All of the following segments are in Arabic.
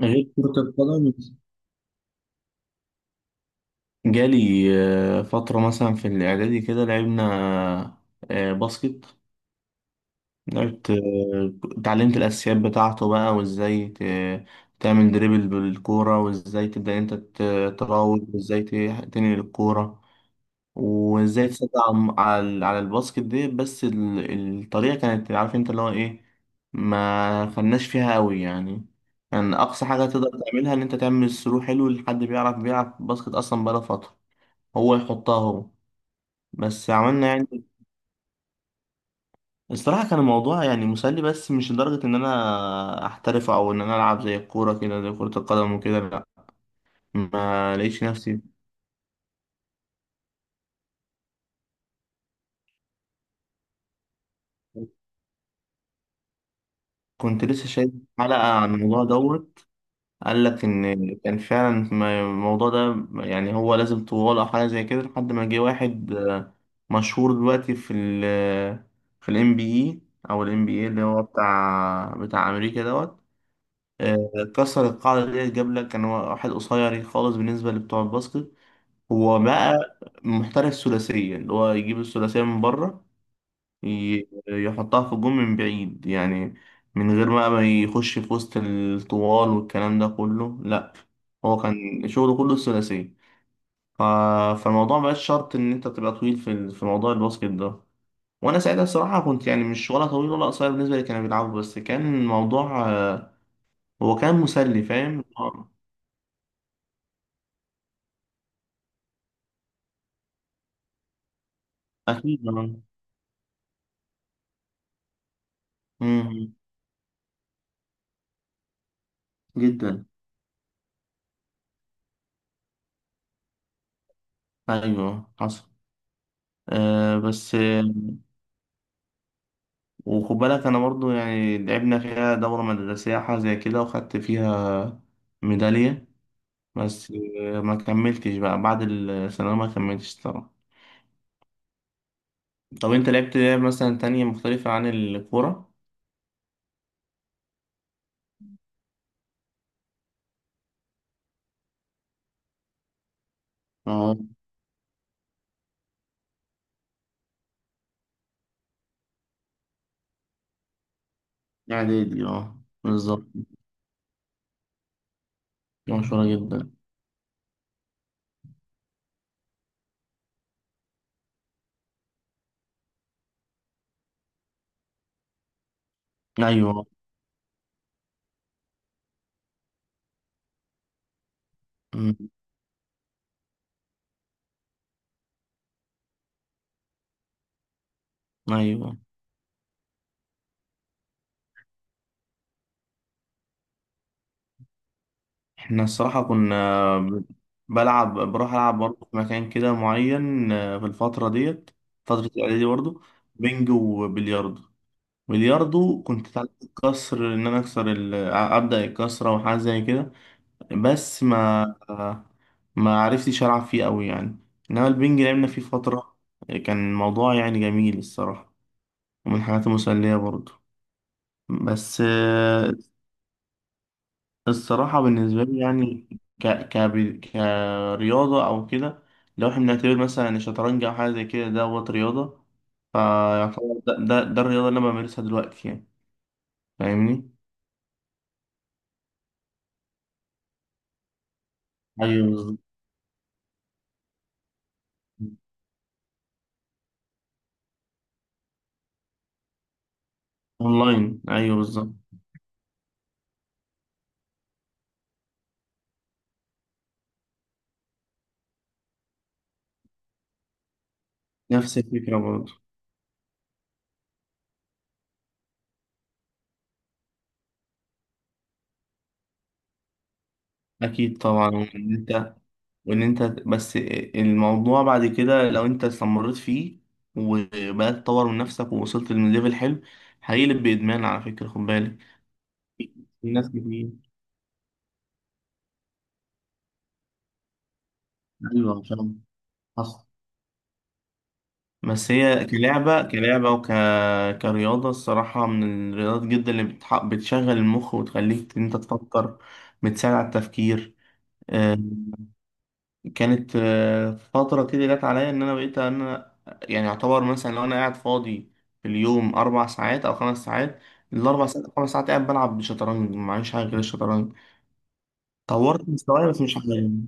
غير كرة القدم. جالي فترة مثلا في الإعدادي كده لعبنا باسكت. لعبت اتعلمت الأساسيات بتاعته بقى وإزاي تعمل دريبل بالكورة، وإزاي تبدأ أنت تراوغ، وإزاي تنقل الكورة، وازاي تسد على الباسكت دي. بس الطريقه كانت، عارف انت، اللي هو ايه، ما خدناش فيها قوي يعني. كان اقصى حاجه تقدر تعملها ان انت تعمل ثرو حلو لحد بيعرف بيلعب باسكت اصلا بقاله فتره، هو يحطها هو. بس عملنا يعني. الصراحه كان الموضوع يعني مسلي، بس مش لدرجه ان انا احترف او ان انا العب زي الكوره كده، زي كره القدم وكده، لا. ما لقيتش نفسي. كنت لسه شايف حلقه عن الموضوع دوت. قال لك إن كان فعلا الموضوع ده يعني هو لازم طوال أو حاجة زي كده، لحد ما جه واحد مشهور دلوقتي في ال NBA أو ال NBA اللي هو بتاع أمريكا دوت. آه، كسر القاعدة دي، جاب لك كان واحد قصير خالص بالنسبة لبتوع الباسكت. هو بقى محترف ثلاثية، اللي هو يجيب الثلاثية من بره، يحطها في الجون من بعيد يعني، من غير بقى ما يخش في وسط الطوال والكلام ده كله، لا. هو كان شغله كله الثلاثية. ف- فالموضوع مبقاش شرط إن أنت تبقى طويل في موضوع الباسكت ده. وأنا ساعتها الصراحة كنت يعني مش ولا طويل ولا قصير بالنسبة اللي كانوا بيلعبوا، بس كان الموضوع هو كان مسلي. فاهم؟ أكيد. آه. مم. جدا. أيوه، حصل. بس وخد بالك انا برضو يعني لعبنا فيها دورة مدرسية، حاجة زي كده، وخدت فيها ميدالية. بس ما كملتش بقى بعد الثانوية، ما كملتش طبعا. طب انت لعبت لعب مثلا تانية مختلفة عن الكورة؟ اه. اعدادي، اه. بالظبط. مشهورة جدا. ايوه. أمم، ايوه. احنا الصراحة كنا بلعب، بروح العب برضه في مكان كده معين في الفترة ديت، فترة الاعدادي برضه، بنج وبلياردو. بلياردو كنت اتعلمت الكسر، ان انا اكسر ابدا الكسره وحاجه زي كده، بس ما عرفتش العب فيه قوي يعني. انما البنج لعبنا فيه فتره. كان الموضوع يعني جميل الصراحه، ومن الحاجات المسليه برضه. بس الصراحه بالنسبه لي يعني، ك... ك... كرياضه او كده، لو احنا بنعتبر مثلا ان الشطرنج او حاجه زي كده دوت رياضه، فيعتبر ده الرياضه اللي انا بمارسها دلوقتي يعني. فاهمني؟ ايوه بالظبط. اونلاين، ايوه بالظبط. نفس الفكره برضه. اكيد طبعا، وان انت بس، الموضوع بعد كده لو انت استمريت فيه وبقى تطور من نفسك ووصلت لليفل حلو، هيقلب بادمان على فكره، خد بالك. في ناس كتير. ايوه فاهم، حصل. بس هي كلعبه كرياضه الصراحه من الرياضات جدا اللي بتشغل المخ وتخليك انت تفكر، بتساعد على التفكير. آه، كانت فترة كده جت عليا إن أنا بقيت إن أنا يعني أعتبر مثلا لو أنا قاعد فاضي في اليوم 4 ساعات أو 5 ساعات، الأربع ساعات أو 5 ساعات قاعد بلعب شطرنج، معيش حاجة غير الشطرنج. طورت مستواي بس مش عجبني.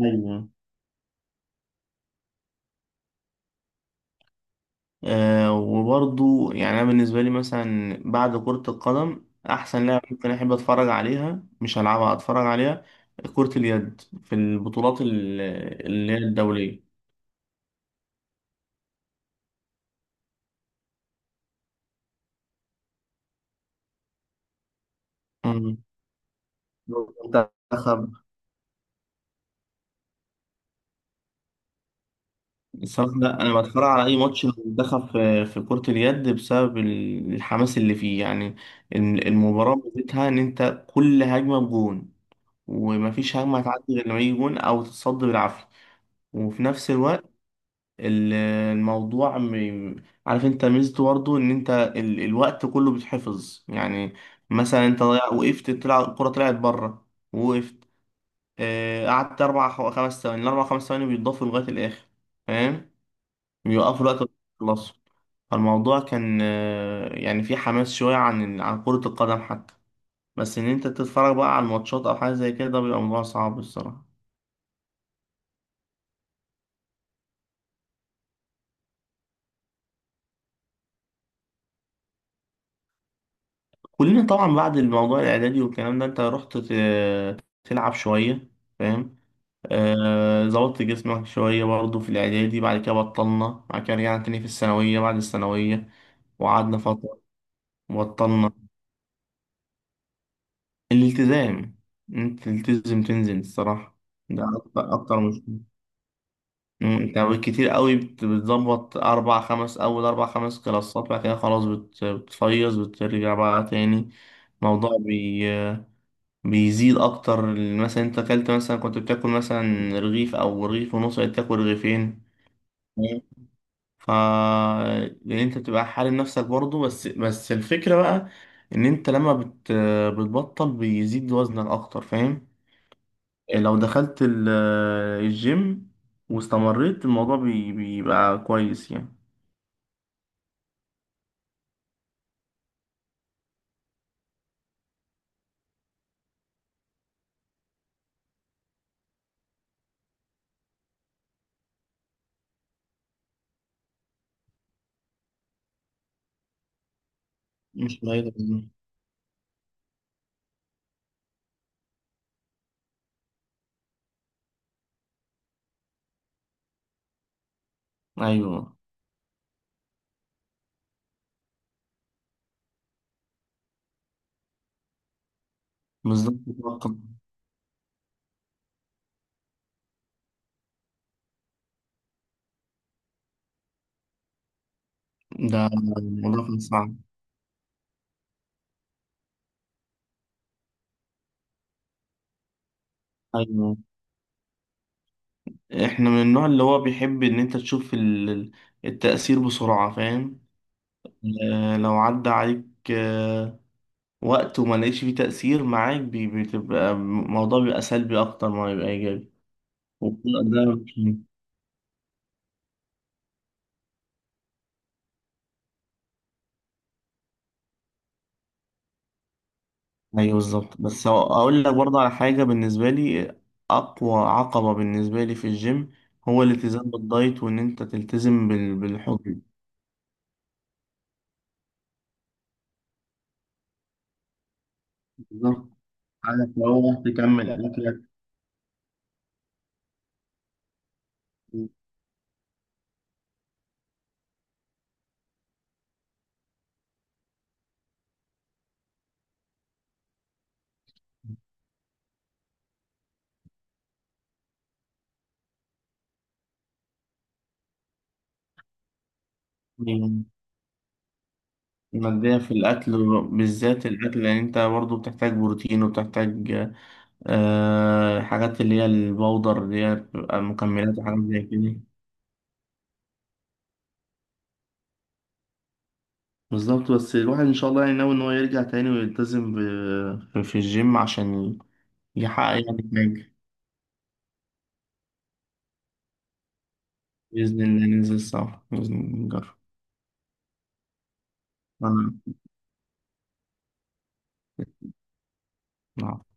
أيوه. وبرضو يعني أنا بالنسبة لي مثلا بعد كرة القدم، أحسن لعبة ممكن أحب أتفرج عليها، مش هلعبها، أتفرج عليها، كرة اليد في البطولات اللي هي الدولية. مم. الصراحة لا، أنا بتفرج على أي ماتش دخل في كرة اليد بسبب الحماس اللي فيه يعني. المباراة ميزتها إن أنت كل هجمة بجون، ومفيش هجمة هتعدي غير لما يجي جون أو تتصد بالعافية. وفي نفس الوقت ال- الموضوع عارف أنت ميزته برضه إن أنت الوقت كله بيتحفظ يعني. مثلا أنت ضيع، وقفت تلعب، الكرة طلعت بره، وقفت، قعدت أربع خمس ثواني، الأربع خمس ثواني بيتضافوا لغاية الآخر، فاهم؟ بيوقفوا الوقت ويخلصوا. فالموضوع كان يعني في حماس شوية عن كرة القدم حتى. بس إن أنت تتفرج بقى على الماتشات أو حاجة زي كده، ده بيبقى موضوع صعب الصراحة. كلنا طبعا بعد الموضوع الإعدادي والكلام ده أنت رحت تلعب شوية، فاهم. ظبطت جسمك شوية برضه في الإعدادي، بعد كده بطلنا، بعد كده رجعنا تاني في الثانوية، بعد الثانوية وقعدنا فترة وبطلنا. الالتزام، أنت تلتزم تنزل الصراحة ده، أكتر أكتر. مم، انت بالكتير قوي بتظبط اربع خمس، اول اربع خمس كلاسات، بعد كده خلاص بتفيص، بترجع بقى تاني. الموضوع بيزيد اكتر. مثلا انت اكلت مثلا، كنت بتاكل مثلا رغيف او رغيف ونص، بقيت تاكل رغيفين. مم. ف لان انت بتبقى حارم نفسك برضه، بس الفكرة بقى ان انت لما بتبطل بيزيد وزنك اكتر، فاهم. لو دخلت الجيم واستمريت، الموضوع بيبقى كويس يعني. مش قليل منه. ايوه بالظبط، الرقم ده الموضوع كان صعب. ايوه، احنا من النوع اللي هو بيحب ان انت تشوف التأثير بسرعة، فاهم. لو عدى عليك آه، وقت وما لقيتش فيه تأثير معاك، بتبقى الموضوع بيبقى سلبي اكتر ما بيبقى ايجابي. وبتبقى ده، ايوه بالظبط. بس اقول لك برضه على حاجه بالنسبه لي، اقوى عقبه بالنسبه لي في الجيم هو الالتزام بالدايت، وان انت تلتزم بالحجم. بالظبط، عارف لو تكمل اكلك. مادية في الأكل، بالذات الأكل، لأن أنت برضو بتحتاج بروتين، وبتحتاج حاجات اللي هي البودر اللي هي بتبقى مكملات وحاجات زي كده. بالظبط، بس الواحد إن شاء الله يعني ناوي إن هو يرجع تاني ويلتزم في الجيم عشان يحقق يعني حاجة. بإذن الله ننزل سوا، بإذن الله نجرب. آه. نعم.